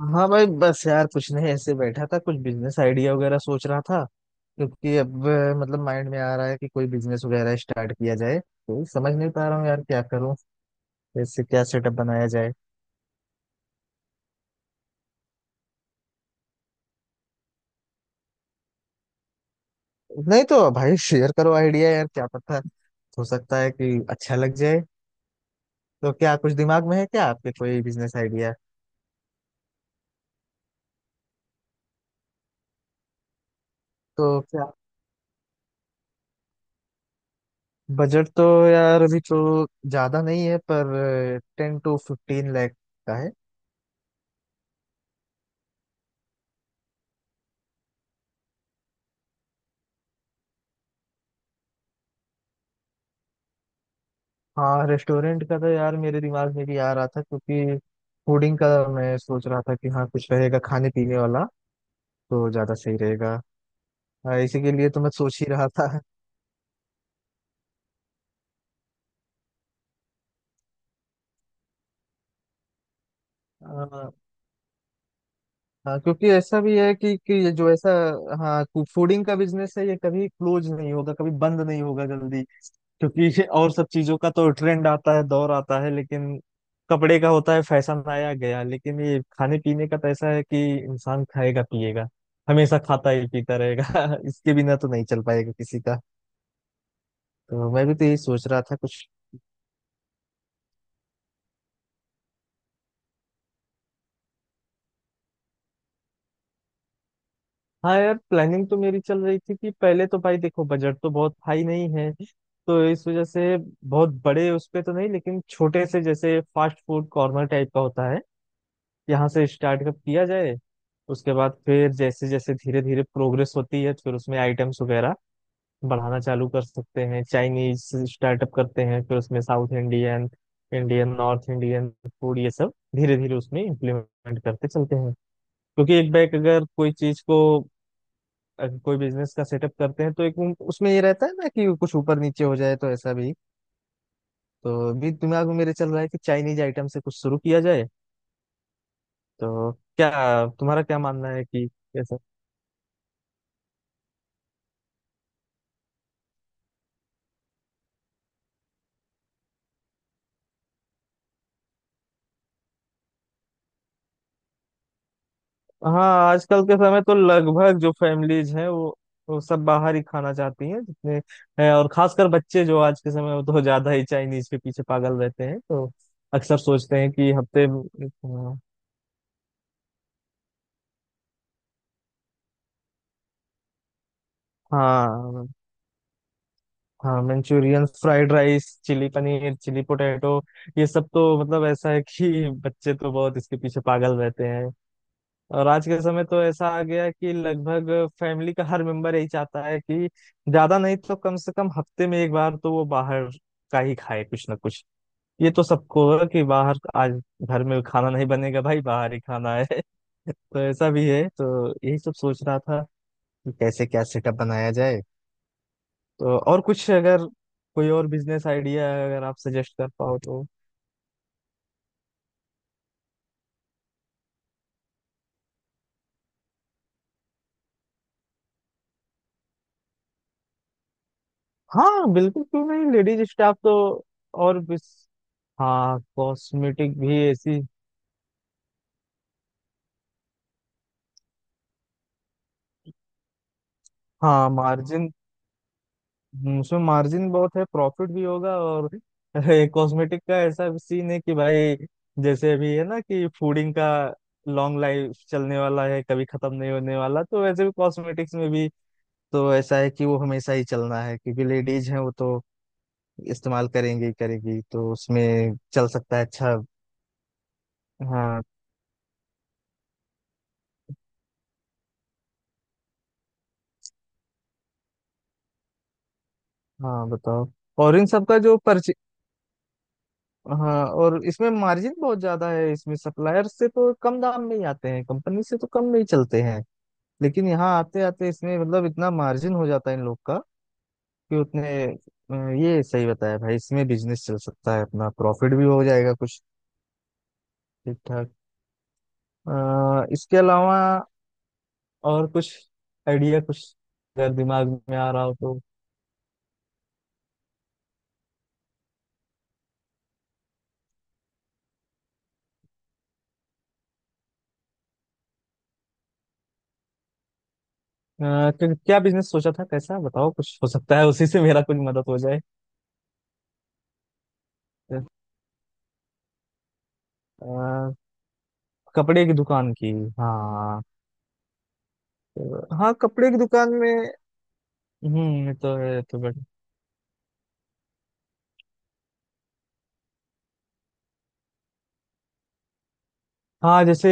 हाँ भाई बस यार कुछ नहीं ऐसे बैठा था कुछ बिजनेस आइडिया वगैरह सोच रहा था। क्योंकि अब मतलब माइंड में आ रहा है कि कोई बिजनेस वगैरह स्टार्ट किया जाए तो समझ नहीं पा रहा हूँ यार क्या करूँ। कैसे क्या सेटअप बनाया जाए। नहीं तो भाई शेयर करो आइडिया यार क्या पता। हो सकता है कि अच्छा लग जाए। तो क्या कुछ दिमाग में है क्या आपके कोई बिजनेस आइडिया। तो क्या बजट तो यार अभी तो ज्यादा नहीं है पर 10 to 15 लाख का है। हाँ रेस्टोरेंट का तो यार मेरे दिमाग में भी आ रहा था क्योंकि फूडिंग का मैं सोच रहा था कि हाँ कुछ रहेगा खाने पीने वाला तो ज्यादा सही रहेगा। इसी के लिए तो मैं सोच ही रहा था। हाँ। हाँ क्योंकि ऐसा भी है कि ये जो ऐसा। हाँ फूडिंग का बिजनेस है ये कभी क्लोज नहीं होगा कभी बंद नहीं होगा जल्दी क्योंकि ये और सब चीजों का तो ट्रेंड आता है दौर आता है लेकिन कपड़े का होता है फैशन आया गया लेकिन ये खाने पीने का तो ऐसा है कि इंसान खाएगा पिएगा हमेशा खाता ही पीता रहेगा इसके बिना तो नहीं चल पाएगा किसी का। तो मैं भी तो यही सोच रहा था कुछ। हाँ यार प्लानिंग तो मेरी चल रही थी कि पहले तो भाई देखो बजट तो बहुत हाई नहीं है तो इस वजह से बहुत बड़े उस पे तो नहीं लेकिन छोटे से जैसे फास्ट फूड कॉर्नर टाइप का होता है यहाँ से स्टार्टअप किया जाए। उसके बाद फिर जैसे जैसे धीरे धीरे प्रोग्रेस होती है फिर उसमें आइटम्स वगैरह बढ़ाना चालू कर सकते हैं। चाइनीज स्टार्टअप करते हैं फिर उसमें south Indian Indian north Indian food ये सब धीरे धीरे उसमें इम्प्लीमेंट करते चलते हैं। क्योंकि एक बैग अगर कोई बिजनेस का सेटअप करते हैं तो एक उसमें ये रहता है ना कि कुछ ऊपर नीचे हो जाए तो ऐसा भी। तो अभी दिमाग में मेरे चल रहा है कि चाइनीज आइटम से कुछ शुरू किया जाए। तो क्या तुम्हारा क्या मानना है कि कैसा। हाँ आजकल के समय तो लगभग जो फैमिलीज हैं वो सब बाहर ही खाना चाहती हैं जितने हैं। और खासकर बच्चे जो आज के समय में तो ज्यादा ही चाइनीज के पीछे पागल रहते हैं तो अक्सर सोचते हैं कि हफ्ते में-। हाँ हाँ। Manchurian fried rice chilli paneer chilli potato ये सब तो मतलब ऐसा है कि बच्चे तो बहुत इसके पीछे पागल रहते हैं। और आज के समय तो ऐसा आ गया है कि लगभग फैमिली का हर मेंबर यही चाहता है कि ज्यादा नहीं तो कम से कम हफ्ते में एक बार तो वो बाहर का ही खाए कुछ ना कुछ। ये तो सबको है कि बाहर आज घर में खाना नहीं बनेगा भाई बाहर ही खाना है तो ऐसा भी है तो यही सब सोच रहा था कि कैसे क्या सेटअप बनाया जाए। तो और कुछ अगर कोई और बिजनेस आइडिया है अगर आप सजेस्ट कर पाओ तो। हाँ बिल्कुल क्यों नहीं। लेडीज स्टाफ तो। और बिस हाँ कॉस्मेटिक भी ऐसी। हाँ मार्जिन। उसमें मार्जिन बहुत है प्रॉफिट भी होगा और कॉस्मेटिक का ऐसा सीन है कि भाई जैसे अभी है ना कि फूडिंग का लॉन्ग लाइफ चलने वाला है कभी खत्म नहीं होने वाला तो वैसे भी कॉस्मेटिक्स में भी तो ऐसा है कि वो हमेशा ही चलना है क्योंकि लेडीज हैं वो तो इस्तेमाल करेंगे ही करेंगे तो उसमें चल सकता है अच्छा। हाँ हाँ बताओ। और इन सब का जो परचे। हाँ और इसमें मार्जिन बहुत ज्यादा है इसमें सप्लायर से तो कम दाम में ही आते हैं कंपनी से तो कम में ही चलते हैं लेकिन यहाँ आते आते इसमें मतलब इतना मार्जिन हो जाता है इन लोग का कि उतने ये सही बताया भाई इसमें बिजनेस चल सकता है अपना प्रॉफिट भी हो जाएगा कुछ ठीक ठाक। इसके अलावा और कुछ आइडिया कुछ अगर दिमाग में आ रहा हो तो। अ, क्या बिजनेस सोचा था कैसा बताओ कुछ हो सकता है उसी से मेरा कुछ मदद हो जाए। अ, कपड़े की दुकान की। हाँ। हाँ कपड़े की दुकान में। ये तो है ये तो बट। हाँ जैसे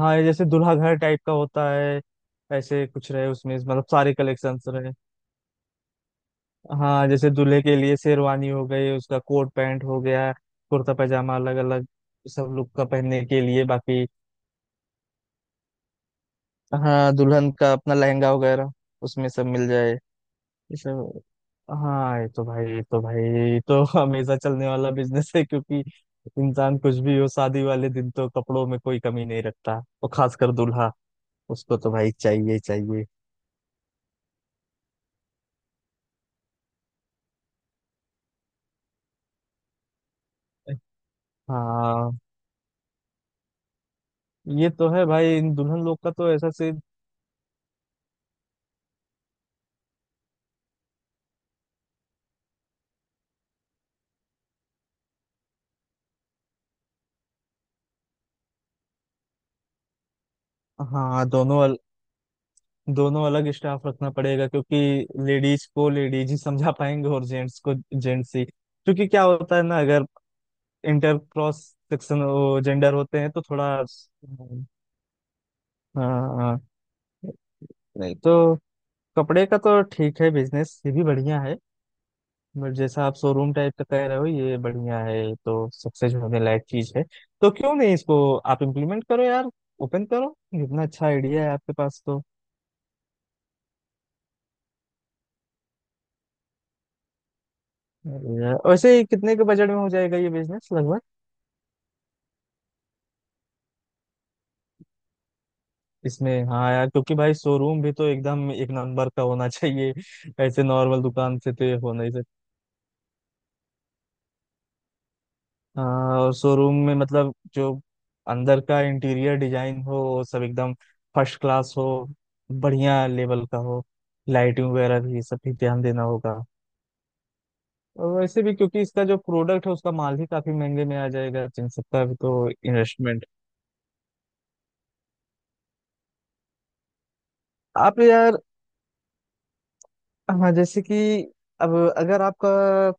हाँ जैसे दूल्हा घर टाइप का होता है ऐसे कुछ रहे उसमें मतलब सारे कलेक्शंस रहे। हाँ जैसे दूल्हे के लिए शेरवानी हो गई उसका कोट पैंट हो गया कुर्ता पैजामा अलग अलग सब लोग का पहनने के लिए बाकी। हाँ दुल्हन का अपना लहंगा वगैरह उसमें सब मिल जाए ये सब। हाँ ये तो हमेशा चलने वाला बिजनेस है क्योंकि इंसान कुछ भी हो शादी वाले दिन तो कपड़ों में कोई कमी नहीं रखता और खासकर दूल्हा उसको तो भाई चाहिए ही चाहिए। हाँ ये तो है भाई इन दुल्हन लोग का तो ऐसा से। हाँ दोनों अलग स्टाफ रखना पड़ेगा क्योंकि लेडीज को लेडीज ही समझा पाएंगे और जेंट्स को जेंट्स ही। क्योंकि क्या होता है ना अगर इंटर क्रॉस सेक्शन जेंडर होते हैं तो थोड़ा। हाँ हाँ। नहीं तो कपड़े का तो ठीक है बिजनेस ये भी बढ़िया है। बट जैसा आप शोरूम टाइप का कह रहे हो ये बढ़िया है तो सक्सेस होने लायक चीज है। तो क्यों नहीं इसको आप इम्प्लीमेंट करो यार। ओपन करो। इतना अच्छा आइडिया है आपके पास तो। अरे यार, वैसे ये कितने के बजट में हो जाएगा ये बिजनेस लगभग। इसमें हाँ यार क्योंकि भाई शोरूम भी तो एकदम एक नंबर का होना चाहिए। ऐसे नॉर्मल दुकान से तो ये हो नहीं। हाँ और शोरूम में मतलब जो अंदर का इंटीरियर डिजाइन हो वो सब एकदम फर्स्ट क्लास हो बढ़िया लेवल का हो लाइटिंग वगैरह भी ये सब भी ध्यान देना होगा। और वैसे भी क्योंकि इसका जो प्रोडक्ट है उसका माल ही काफी महंगे में आ जाएगा जिन सबका भी तो इन्वेस्टमेंट। आप यार। हाँ जैसे कि अब अगर आपका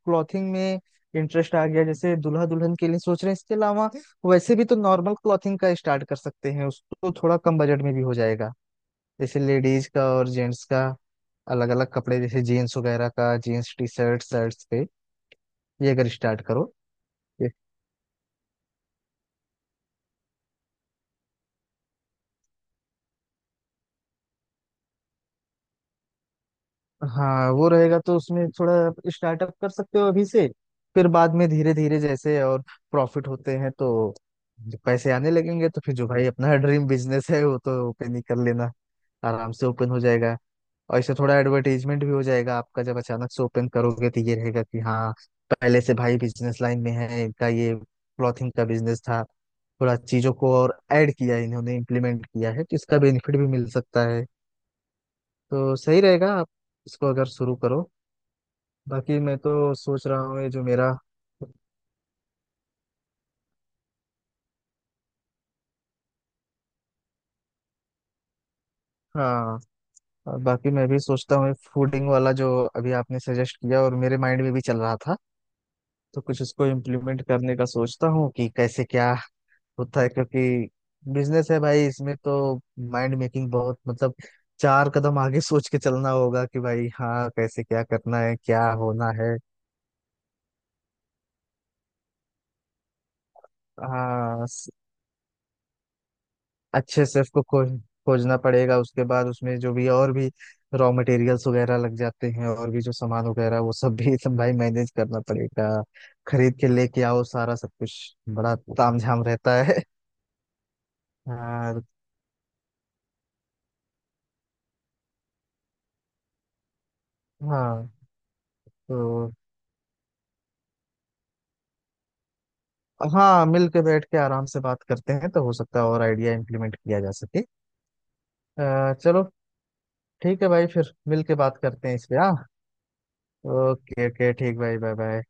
क्लॉथिंग में इंटरेस्ट आ गया जैसे दुल्हा दुल्हन के लिए सोच रहे हैं इसके अलावा वैसे भी तो नॉर्मल क्लॉथिंग का स्टार्ट कर सकते हैं उसको थोड़ा कम बजट में भी हो जाएगा। जैसे लेडीज का और जेंट्स का अलग अलग कपड़े जैसे जीन्स वगैरह का जीन्स टी शर्ट शर्ट्स पे ये अगर स्टार्ट करो। हाँ वो रहेगा तो उसमें थोड़ा स्टार्टअप कर सकते हो अभी से। फिर बाद में धीरे धीरे जैसे और प्रॉफिट होते हैं तो पैसे आने लगेंगे तो फिर जो भाई अपना ड्रीम बिजनेस है वो तो ओपन ही कर लेना। आराम से ओपन हो जाएगा। और इससे थोड़ा एडवर्टाइजमेंट भी हो जाएगा आपका जब अचानक से ओपन करोगे तो ये रहेगा कि हाँ पहले से भाई बिजनेस लाइन में है इनका ये क्लॉथिंग का बिजनेस था थोड़ा चीजों को और ऐड किया है इन्होंने इम्प्लीमेंट किया है तो इसका बेनिफिट भी मिल सकता है। तो सही रहेगा आप इसको अगर शुरू करो। बाकी मैं तो सोच रहा हूँ ये जो मेरा। हाँ और बाकी मैं भी सोचता हूँ फूडिंग वाला जो अभी आपने सजेस्ट किया और मेरे माइंड में भी चल रहा था। तो कुछ इसको इम्प्लीमेंट करने का सोचता हूँ कि कैसे क्या होता है क्योंकि बिजनेस है भाई इसमें तो माइंड मेकिंग बहुत मतलब चार कदम आगे सोच के चलना होगा कि भाई हाँ कैसे क्या करना है क्या होना है। हाँ अच्छे से उसको खोजना पड़ेगा। उसके बाद उसमें जो भी और भी रॉ मटेरियल्स वगैरह लग जाते हैं और भी जो सामान वगैरह वो सब भी सब भाई मैनेज करना पड़ेगा। खरीद के लेके आओ सारा सब कुछ बड़ा तामझाम रहता है। और हाँ तो। हाँ मिल के बैठ के आराम से बात करते हैं तो हो सकता है और आइडिया इम्प्लीमेंट किया जा सके। चलो ठीक है भाई फिर मिल के बात करते हैं इस पे हाँ। ओके ओके ठीक भाई बाय बाय।